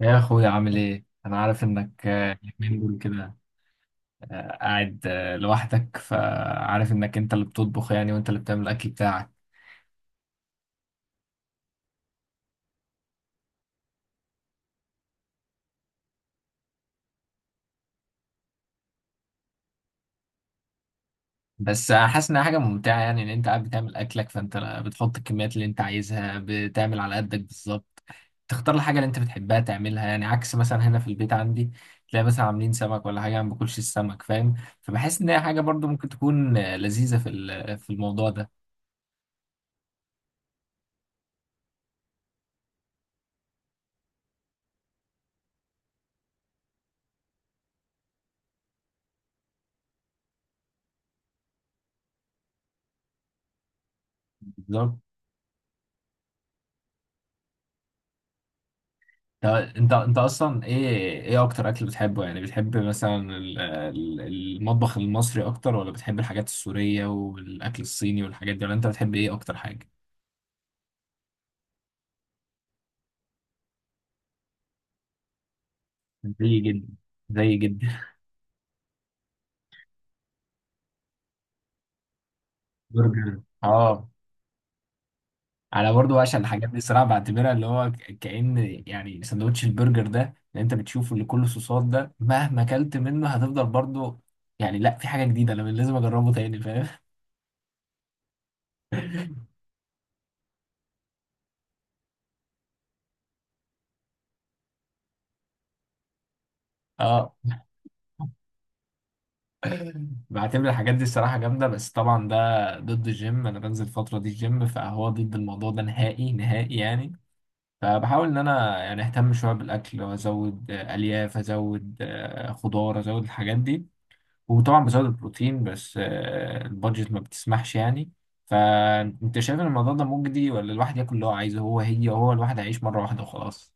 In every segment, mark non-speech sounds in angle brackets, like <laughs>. يا اخويا عامل ايه؟ انا عارف انك اليومين دول كده قاعد لوحدك، فعارف انك انت اللي بتطبخ يعني، وانت اللي بتعمل الاكل بتاعك. بس حاسس انها حاجه ممتعه، يعني ان انت قاعد بتعمل اكلك، فانت بتحط الكميات اللي انت عايزها، بتعمل على قدك بالظبط، تختار الحاجه اللي انت بتحبها تعملها. يعني عكس مثلا هنا في البيت عندي، تلاقي مثلا عاملين سمك ولا حاجه، أنا ما باكلش السمك فاهم. فبحس ان هي حاجه برضو ممكن تكون لذيذه في الموضوع ده. بالظبط. طب انت، انت اصلا ايه ايه اكتر اكل بتحبه؟ يعني بتحب مثلا المطبخ المصري اكتر، ولا بتحب الحاجات السورية والاكل الصيني والحاجات دي، ولا انت بتحب ايه اكتر حاجة؟ زي جدا. زي جدا. <laughs> برجر، اه. انا برضو بعشق الحاجات دي صراحة. بعتبرها اللي هو كأن يعني سندوتش البرجر ده اللي انت بتشوفه اللي كله صوصات ده، مهما اكلت منه هتفضل برضو يعني، لا في حاجة جديدة انا لازم اجربه تاني، فاهم؟ <laughs> اه. <laughs> بعتبر الحاجات دي الصراحة جامدة، بس طبعا ده ضد الجيم. أنا بنزل الفترة دي الجيم، فهو ضد الموضوع ده نهائي نهائي يعني. فبحاول إن أنا يعني أهتم شوية بالأكل، وأزود ألياف، أزود خضار، أزود الحاجات دي، وطبعا بزود البروتين، بس البادجت ما بتسمحش يعني. فأنت شايف إن الموضوع ده مجدي، ولا الواحد ياكل اللي هو عايزه؟ هو الواحد هيعيش مرة واحدة وخلاص.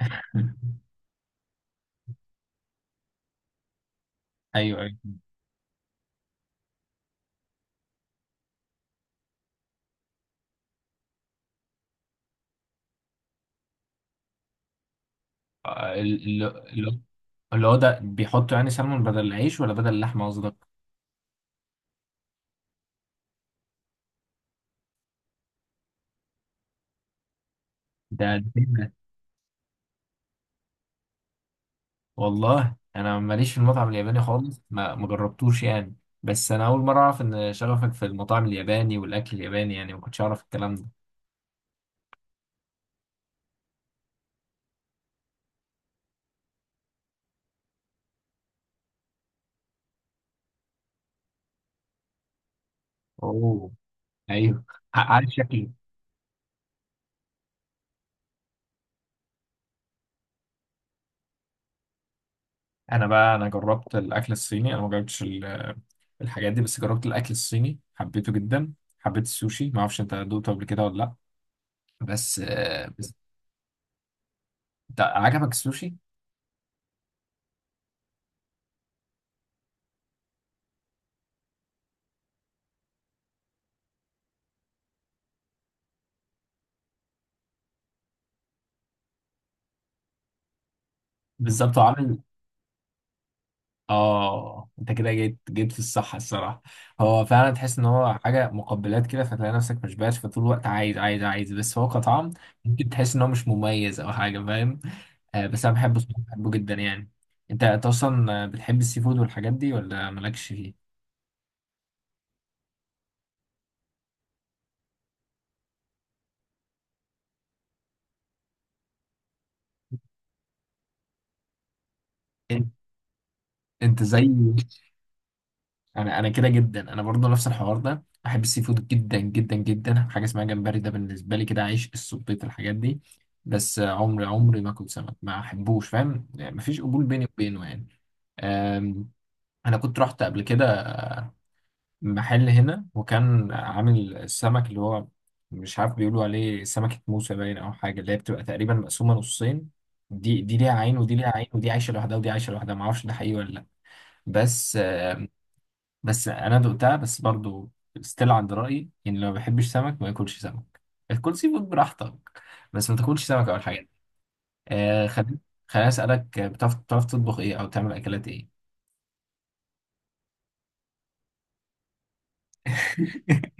<laughs> أيوه أيوه. آه، ال- ال- اللي هو اللي هو ده بيحطوا يعني سلمون بدل العيش، ولا بدل اللحمة قصدك؟ ده قديمة. والله انا ماليش في المطعم الياباني خالص، ما جربتوش يعني. بس انا اول مره اعرف ان شغفك في المطاعم الياباني والاكل الياباني، يعني ما كنتش اعرف الكلام ده. اوه. ايوه. عارف شكلي. انا بقى، انا جربت الاكل الصيني، انا ما جربتش الحاجات دي، بس جربت الاكل الصيني حبيته جدا. حبيت السوشي. ما اعرفش انت دوقته قبل كده ولا لا؟ بس ده عجبك السوشي؟ بالظبط عامل. اه، انت كده جيت في الصح الصراحه. هو فعلا تحس ان هو حاجه مقبلات كده، فتلاقي نفسك مش باش، فطول الوقت عايز، بس هو كطعم ممكن تحس ان هو مش مميز او حاجه، فاهم؟ آه، بس انا بحبه الصراحة، بحبه جدا يعني. انت اصلا بتحب السي فود والحاجات دي، ولا مالكش فيه؟ انت انت زي، انا كده جدا. انا برضو نفس الحوار ده، بحب السي فود جدا جدا جدا. حاجه اسمها جمبري ده بالنسبه لي كده عيش، السبيط، الحاجات دي. بس عمري ما كنت سمك، ما احبوش فاهم، يعني مفيش قبول بيني وبينه يعني. أم، انا كنت رحت قبل كده محل هنا، وكان عامل السمك اللي هو، مش عارف بيقولوا عليه سمكه موسى باين او حاجه، اللي هي بتبقى تقريبا مقسومه نصين. دي دي ليها عين، ودي ليها عين، ودي عايشه لوحدها، ودي عايشه لوحدها. ما اعرفش ده حقيقي ولا لا، بس بس انا دقتها، بس برضو ستيل عند رايي. يعني لو ما بيحبش سمك، ما ياكلش سمك. الكل سي فود براحتك، بس ما تاكلش سمك اول حاجه. آه، خليني، خليني اسالك بتعرف تطبخ ايه، او تعمل اكلات ايه؟ <laughs>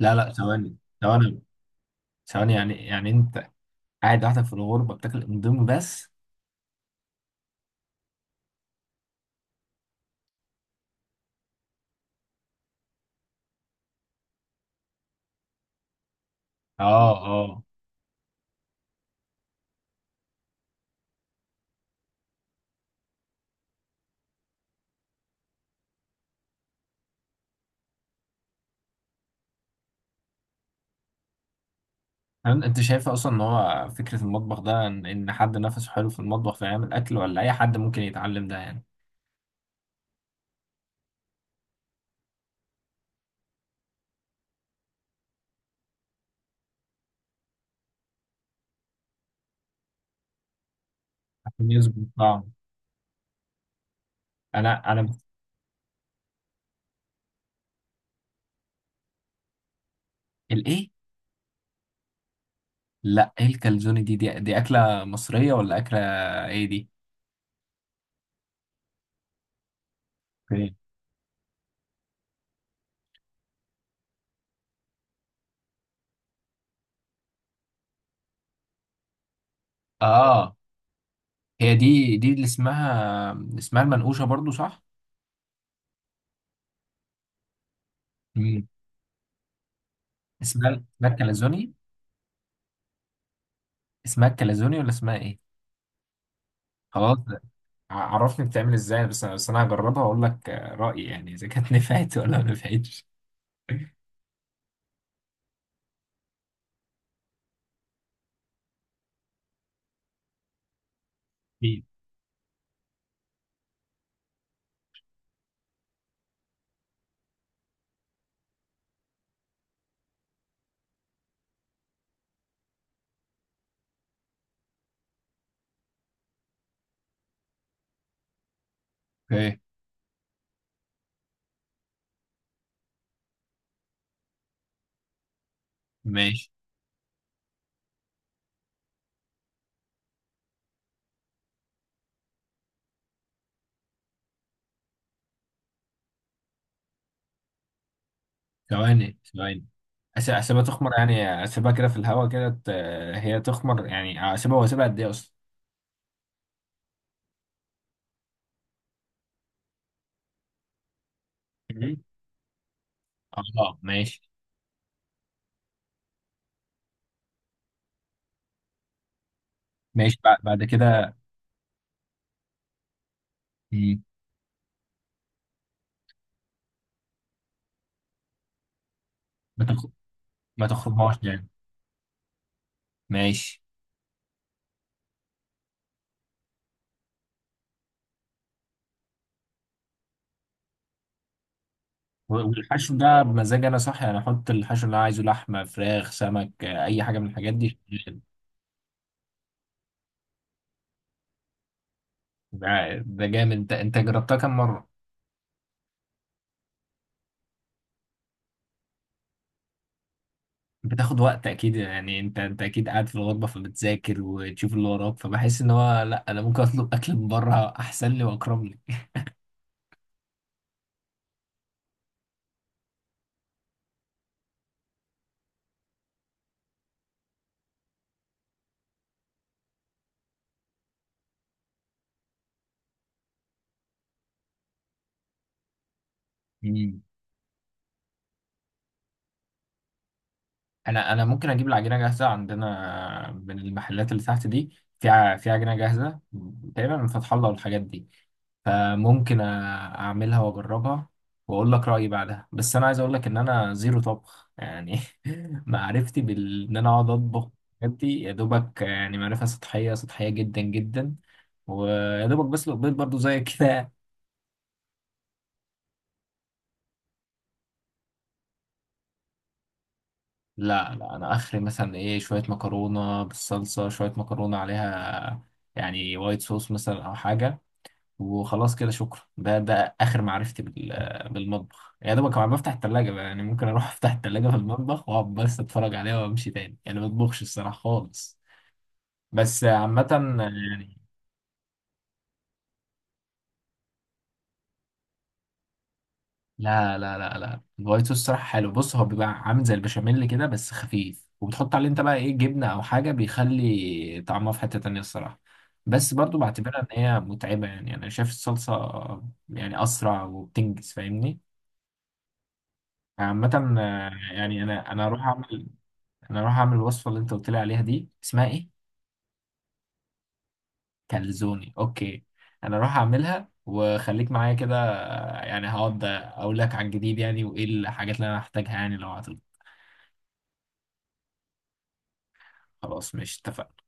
لا لا، ثواني. يعني يعني انت قاعد لوحدك في الغربه، بتاكل اندومي بس؟ اه اه. هل انت شايف اصلا ان هو فكره المطبخ ده، ان إن حد نفسه حلو في المطبخ فيعمل اكل، ولا اي حد ممكن يتعلم ده يعني؟ عشان يظبط طعم. انا انا. الايه؟ لا، ايه الكالزوني دي, اكله مصريه ولا اكله ايه دي؟ اوكي. اه. هي دي، دي اللي اسمها المنقوشه برضو صح؟ مم. اسمها الكالزوني. اسمها الكالزوني ولا اسمها ايه؟ خلاص. عرفني بتعمل ازاي، بس انا، بس انا هجربها واقول لك رايي يعني، اذا كانت <laughs> نفعت ولا ما نفعتش. أكيد. اوكي. ماشي. ثواني ثواني. اسيبها تخمر، يعني اسيبها كده في الهواء كده هي تخمر، يعني اسيبها واسيبها قد ايه اصلا؟ مم. اه ماشي. ماشي. بعد كده؟ مم. ما تخ... ما تخرجهاش يعني. ماشي. والحشو ده بمزاج انا صح؟ يعني احط الحشو اللي انا عايزه، لحمه، فراخ، سمك، اي حاجه من الحاجات دي شغال. ده ده جامد. انت جربتها كام مره؟ بتاخد وقت اكيد يعني. انت اكيد قاعد في الغربه فبتذاكر وتشوف اللي وراك، فبحس ان هو لا انا ممكن اطلب اكل من بره احسن لي واكرم لي. مم. انا ممكن اجيب العجينه جاهزه عندنا من المحلات اللي تحت دي، في في عجينه جاهزه تقريبا من فتح الله والحاجات دي. فممكن اعملها واجربها واقول لك رايي بعدها. بس انا عايز اقول لك ان انا زيرو طبخ يعني. <laughs> معرفتي بال، ان انا اقعد اطبخ الحاجات دي، يا دوبك يعني معرفه سطحيه سطحيه جدا جدا. ويا دوبك بسلق بيض برضو زي كده. لا لا، انا اخري مثلا ايه، شويه مكرونه بالصلصه، شويه مكرونه عليها يعني وايت صوص مثلا او حاجه، وخلاص كده شكرا. ده ده اخر معرفتي بالمطبخ. يا دوبك كمان بفتح التلاجة بقى، يعني ممكن اروح <laughs> افتح التلاجة في المطبخ واقعد بس اتفرج عليها وامشي تاني، يعني ما بطبخش الصراحه خالص. بس عامه، يعني لا، الوايت صوص صراحة حلو. بص هو بيبقى عامل زي البشاميل كده بس خفيف، وبتحط عليه انت بقى ايه جبنة او حاجة، بيخلي طعمها في حتة تانية الصراحة. بس برضو بعتبرها ان هي متعبة، يعني انا شايف الصلصة يعني اسرع وبتنجز، فاهمني؟ عامة يعني انا اروح اعمل، انا اروح اعمل الوصفة اللي انت قلت لي عليها دي، اسمها ايه؟ كالزوني. اوكي. انا اروح اعملها وخليك معايا كده، يعني هقعد اقول لك على الجديد يعني، وايه الحاجات اللي انا هحتاجها يعني لو عطلت. خلاص، مش اتفقنا؟